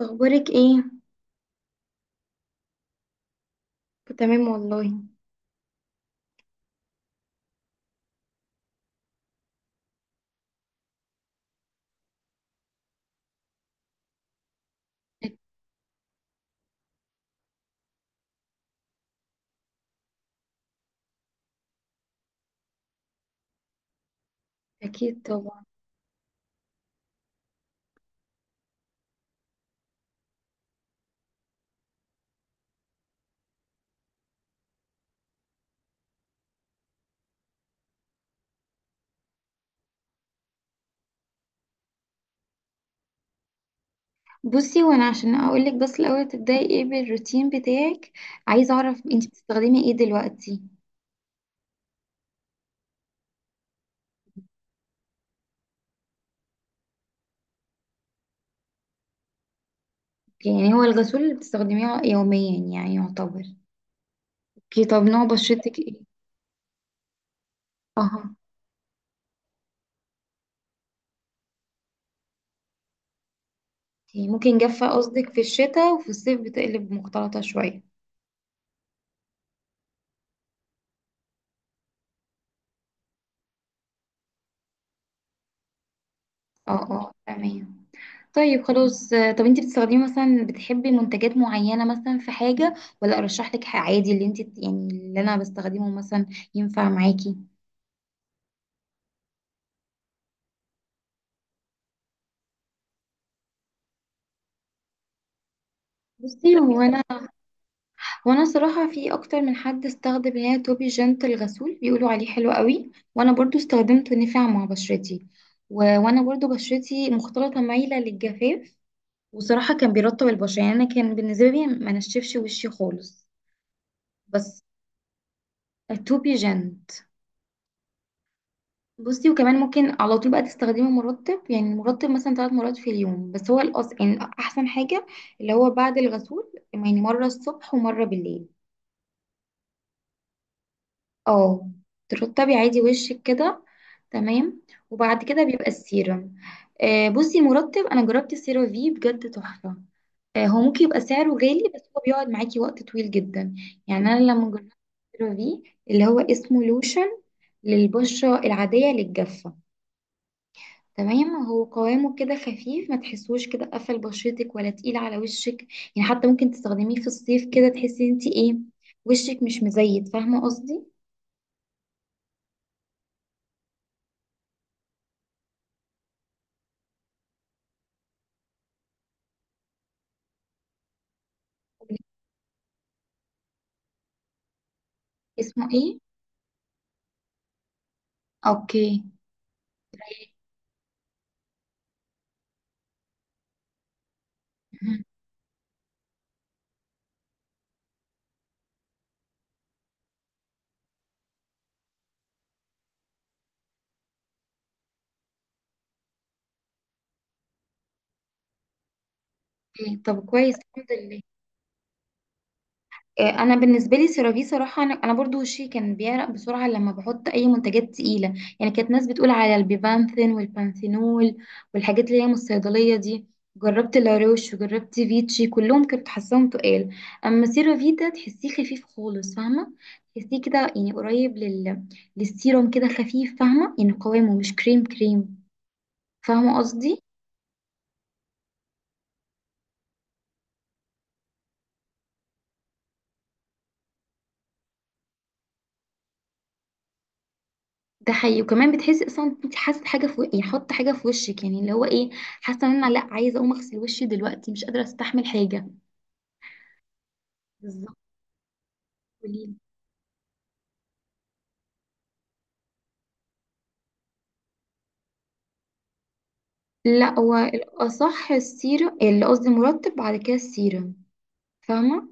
اخبارك ايه؟ تمام والله. اكيد طبعا. بصي، وانا عشان اقولك، بس الاول تبداي ايه بالروتين بتاعك؟ عايزه اعرف انت بتستخدمي ايه دلوقتي. يعني هو الغسول اللي بتستخدميه يوميا، يعني يعتبر. اوكي، طب نوع بشرتك ايه؟ اها. أوكي، ممكن جافه قصدك في الشتاء وفي الصيف بتقلب مختلطه شويه. اه اه، تمام. طيب خلاص، طب انت بتستخدمي مثلا، بتحبي منتجات معينة مثلا في حاجة، ولا ارشح لك حاجة عادي، اللي انت يعني اللي انا بستخدمه مثلا ينفع معاكي. بصي هو انا وانا صراحة، في اكتر من حد استخدم اللي هي توبي جنت الغسول بيقولوا عليه حلو قوي، وانا برضو استخدمته نفع مع بشرتي. وانا برضو بشرتي مختلطة مايلة للجفاف. وصراحة كان بيرطب البشرة، يعني انا كان بالنسبة لي ما نشفش وشي خالص. بس التوبي جنت. بصي وكمان ممكن على طول بقى تستخدمي مرطب، يعني مرطب مثلا ثلاث مرات في اليوم، بس هو يعني احسن حاجة اللي هو بعد الغسول، يعني مرة الصبح ومرة بالليل. اه. ترطبي عادي وشك كده. تمام. وبعد كده بيبقى السيرم. بصي مرطب انا جربت السيرافي بجد تحفة. هو ممكن يبقى سعره غالي، بس هو بيقعد معاكي وقت طويل جدا. يعني انا لما جربت السيرافي، اللي هو اسمه لوشن للبشرة العادية للجافة. تمام، هو قوامه كده خفيف، ما تحسوش كده قفل بشرتك ولا تقيل على وشك. يعني حتى ممكن تستخدميه في الصيف كده، تحسي انت ايه، وشك مش مزيت، فاهمة قصدي. اسمه ايه؟ اوكي. مهم. اوكي، طب كويس الحمد لله. انا بالنسبه لي سيرافي، صراحه انا برضو وشي كان بيعرق بسرعه لما بحط اي منتجات تقيله. يعني كانت ناس بتقول على البيبانثين والبانثينول والحاجات اللي هي من الصيدليه دي. جربت لاروش وجربت فيتشي، كلهم كنت حاساهم تقال. اما سيرافي ده تحسيه خفيف خالص، فاهمه. تحسيه كده يعني قريب للسيروم كده خفيف، فاهمه، يعني قوامه مش كريم كريم، فاهمه قصدي. ده حقيقي. وكمان بتحسي اصلا إن انت حاسه حاجه في يعني حط حاجه في وشك، يعني اللي هو ايه؟ حاسه ان انا لا، عايزه اقوم اغسل وشي دلوقتي، مش قادره استحمل حاجه. بالظبط. قوليلي. لا، هو الاصح السيره، اللي قصدي مرطب بعد كده السيره، فاهمه.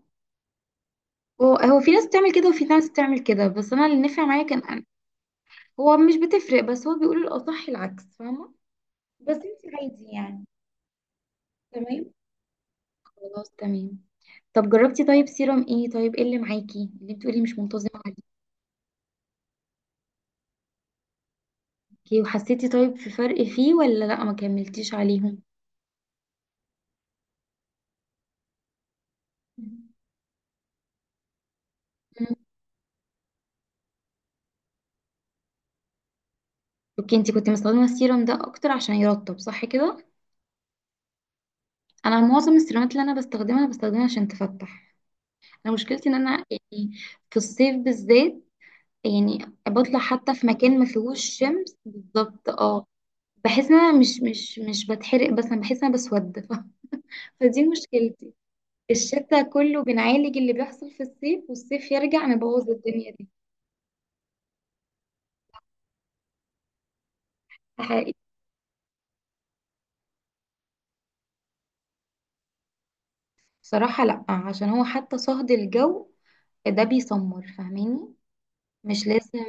هو في ناس بتعمل كده وفي ناس بتعمل كده، بس انا اللي نفع معايا كان أنا. هو مش بتفرق، بس هو بيقول الاصح العكس، فاهمه. بس انت عادي يعني. تمام. خلاص تمام. طب جربتي، طيب سيرم ايه، طيب ايه اللي معاكي اللي بتقولي مش منتظمه عليه؟ اوكي، وحسيتي طيب في فرق فيه ولا لا ما كملتيش عليهم؟ مم. اوكي، انتي كنت مستخدمة السيرم ده اكتر عشان يرطب، صح كده؟ انا معظم السيرامات اللي انا بستخدمها عشان تفتح. انا مشكلتي ان انا يعني في الصيف بالذات، يعني بطلع حتى في مكان ما فيهوش شمس بالظبط. اه، بحس ان انا مش بتحرق، بس انا بحس ان انا بسود فدي مشكلتي. الشتا كله بنعالج اللي بيحصل في الصيف، والصيف يرجع نبوظ الدنيا. دي صراحة لأ، عشان هو حتى صهد الجو ده بيسمر، فاهماني، مش لازم.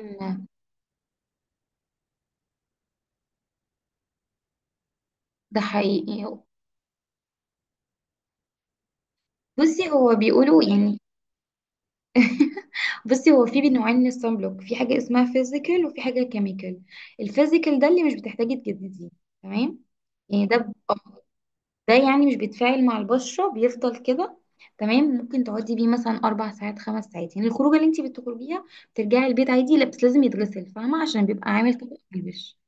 ده حقيقي. بصي هو بيقولوا يعني، بصي هو في نوعين من الصن بلوك، في حاجة اسمها فيزيكال وفي حاجة كيميكال. الفيزيكال ده اللي مش بتحتاجي تجدديه. تمام. يعني ده ده يعني مش بيتفاعل مع البشرة، بيفضل كده. تمام، ممكن تقعدي بيه مثلا أربع ساعات خمس ساعات، يعني الخروجة اللي انتي بتخرجيها بترجعي البيت عادي، لا بس لازم يتغسل، فاهمة، عشان بيبقى عامل طبق على الوش،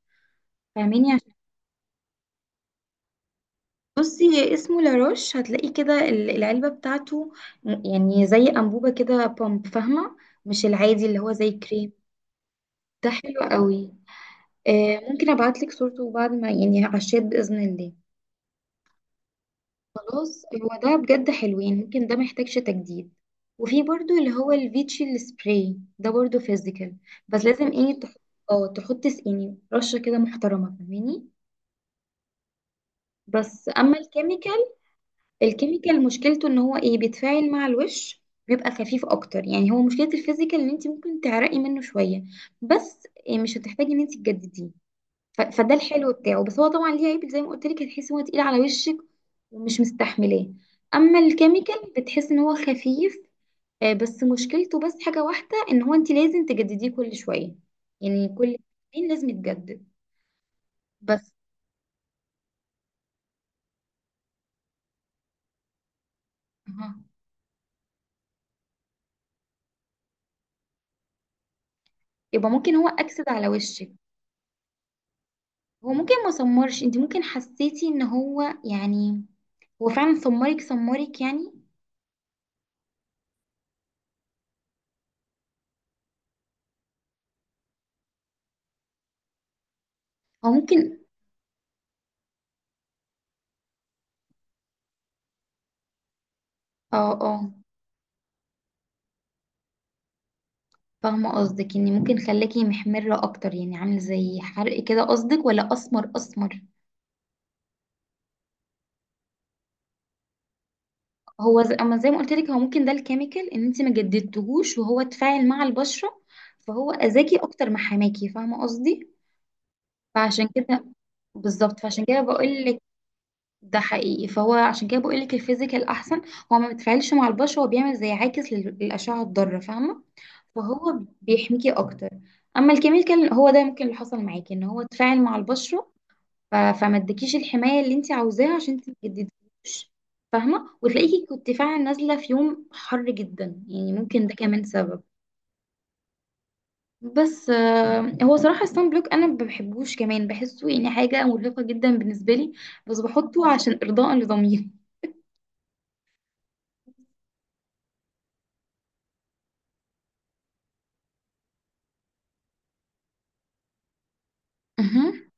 فاهماني. بصي، هي اسمه لاروش، هتلاقيه كده العلبة بتاعته، يعني زي أنبوبة كده بامب، فاهمة، مش العادي اللي هو زي كريم. ده حلو قوي. ممكن ابعتلك صورته بعد ما، يعني، على الشات بإذن الله. خلاص، هو ده بجد حلو، يعني ممكن ده محتاجش تجديد. وفي برضو اللي هو الفيتشي السبراي ده برضو فيزيكال، بس لازم ايه تحط. اه تحط يعني رشة كده محترمة، فاهماني. بس اما الكيميكال، الكيميكال مشكلته ان هو ايه، بيتفاعل مع الوش، بيبقى خفيف اكتر. يعني هو مشكلة الفيزيكال ان انت ممكن تعرقي منه شوية، بس إيه، مش هتحتاجي ان انت تجدديه. فده الحلو بتاعه. بس هو طبعا ليه عيب، زي ما قلت لك، هتحسي ان هو تقيل على وشك ومش مستحملاه. اما الكيميكال، بتحس ان هو خفيف، بس مشكلته بس حاجة واحدة، ان هو انت لازم تجدديه كل شوية، يعني كل سنين لازم يتجدد. بس. أها. يبقى ممكن هو اكسد على وشك. هو ممكن ما سمرش، انت ممكن حسيتي ان هو يعني هو فعلا سمرك سمرك يعني. او ممكن. اه اه. فاهمه قصدك ان ممكن خلاكي محمره اكتر، يعني عامل زي حرق كده قصدك، ولا اسمر اسمر؟ هو اما زي ما قلت لك، هو ممكن ده الكيميكال ان انت ما جددتهوش وهو اتفاعل مع البشره، فهو اذاكي اكتر ما حماكي، فاهمه قصدي، فعشان كده. بالظبط، فعشان كده بقول لك. ده حقيقي، فهو عشان كده بقول لك الفيزيكال احسن، هو ما بيتفاعلش مع البشر، هو بيعمل زي عاكس للاشعه الضاره، فاهمه، فهو بيحميكي اكتر. اما الكيميكال هو ده ممكن اللي حصل معاكي ان هو اتفاعل مع البشره، فما ادكيش الحمايه اللي انت عاوزاها عشان انت ما تجدديهوش، فاهمه، وتلاقيكي كنت فعلا نازله في يوم حر جدا، يعني ممكن ده كمان سبب. بس هو صراحه الصن بلوك انا ما بحبوش، كمان بحسه يعني حاجه مرهقه جدا بالنسبه لي، بس بحطه عشان ارضاء لضميري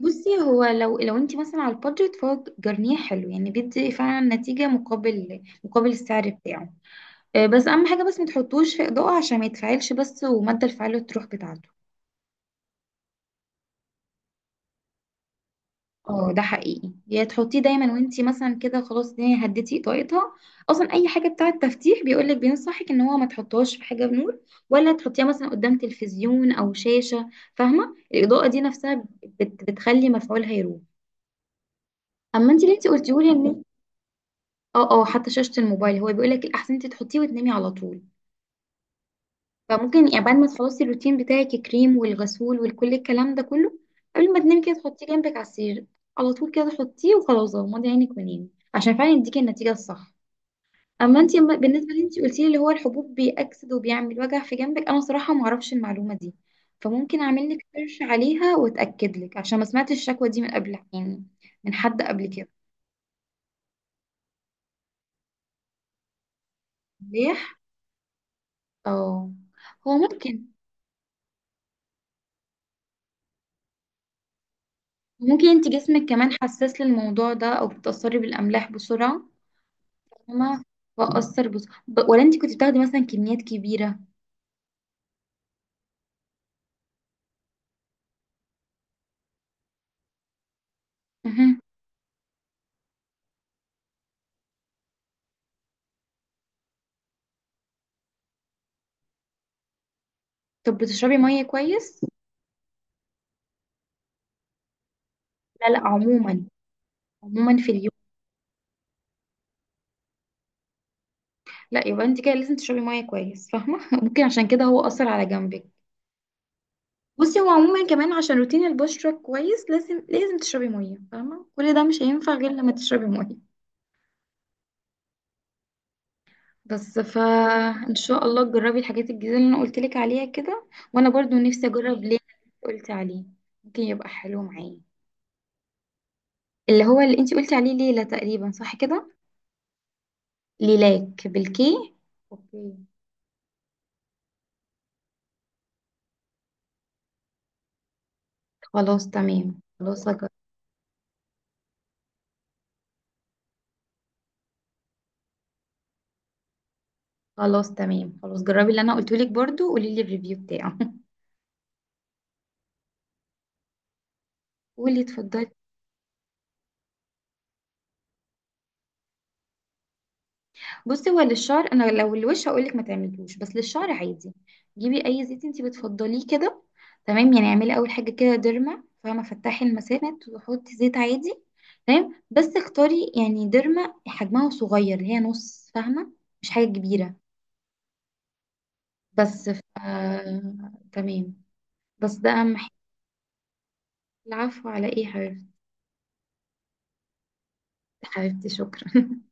بصي هو لو انت مثلا على البادجت، فهو جرنيه حلو، يعني بيدي فعلا نتيجة مقابل مقابل السعر بتاعه. بس اهم حاجة، بس ما تحطوش في اضاءة عشان ما يتفعلش بس، ومادة الفعالة تروح بتاعته. اه، ده حقيقي، يا تحطيه دايما وانت مثلا كده خلاص الدنيا هديتي اضاءتها. اصلا اي حاجة بتاعة تفتيح بيقولك، بينصحك ان هو ما تحطهاش في حاجة بنور، ولا تحطيها مثلا قدام تلفزيون او شاشة، فاهمة، الاضاءة دي نفسها بتخلي مفعولها يروح. اما انت اللي انت قلتيهولي ان اه اه حتى شاشة الموبايل، هو بيقول لك الأحسن انت تحطيه وتنامي على طول. فممكن يعني بعد ما تخلصي الروتين بتاعك، الكريم والغسول وكل الكلام ده كله، قبل ما تنامي كده تحطيه جنبك على السرير، على طول كده تحطيه وخلاص، غمضي عينك ونامي عشان فعلا يديكي النتيجة الصح. أما انت بالنسبة لي انت قلتي لي اللي هو الحبوب بيأكسد وبيعمل وجع في جنبك، أنا صراحة ما أعرفش المعلومة دي، فممكن أعمل لك سيرش عليها وأتأكد لك عشان ما سمعتش الشكوى دي من قبل، يعني من حد قبل كده. ليه؟ اه، هو ممكن. انت جسمك كمان حساس للموضوع ده او بتتأثري بالأملاح بسرعة، فاهمة، بأثر بس ولا انت كنت بتاخدي مثلا كميات كبيرة؟ مهم. طب بتشربي مية كويس؟ لا لا، عموما، عموما في اليوم. لا، يبقى انت كده لازم تشربي مية كويس، فاهمة ممكن عشان كده هو أثر على جنبك. بصي هو عموما كمان عشان روتين البشرة كويس، لازم لازم تشربي مية، فاهمة، كل ده مش هينفع غير لما تشربي مية. بس فان شاء الله تجربي الحاجات الجديده اللي انا قلت لك عليها كده، وانا برضو نفسي اجرب ليه اللي قلت عليه، ممكن يبقى حلو معايا، اللي هو اللي انت قلتي عليه ليلة تقريبا، صح كده؟ ليلاك بالكي، اوكي. خلاص تمام، خلاص خلاص تمام، خلاص جربي اللي انا قلته لك برضو، قولي لي الريفيو بتاعه قولي، اتفضلي. بصي هو للشعر، انا لو الوش هقولك ما تعمليهوش، بس للشعر عادي. جيبي اي زيت انتي بتفضليه كده، تمام. يعني اعملي اول حاجه كده ديرما، فاهمه، فتحي المسامات وحطي زيت عادي. تمام بس اختاري يعني ديرما حجمها صغير اللي هي نص، فاهمه، مش حاجه كبيره. بس تمام. بس ده اهم حاجه. العفو، على ايه يا حبيبتي. حبيبتي، شكرا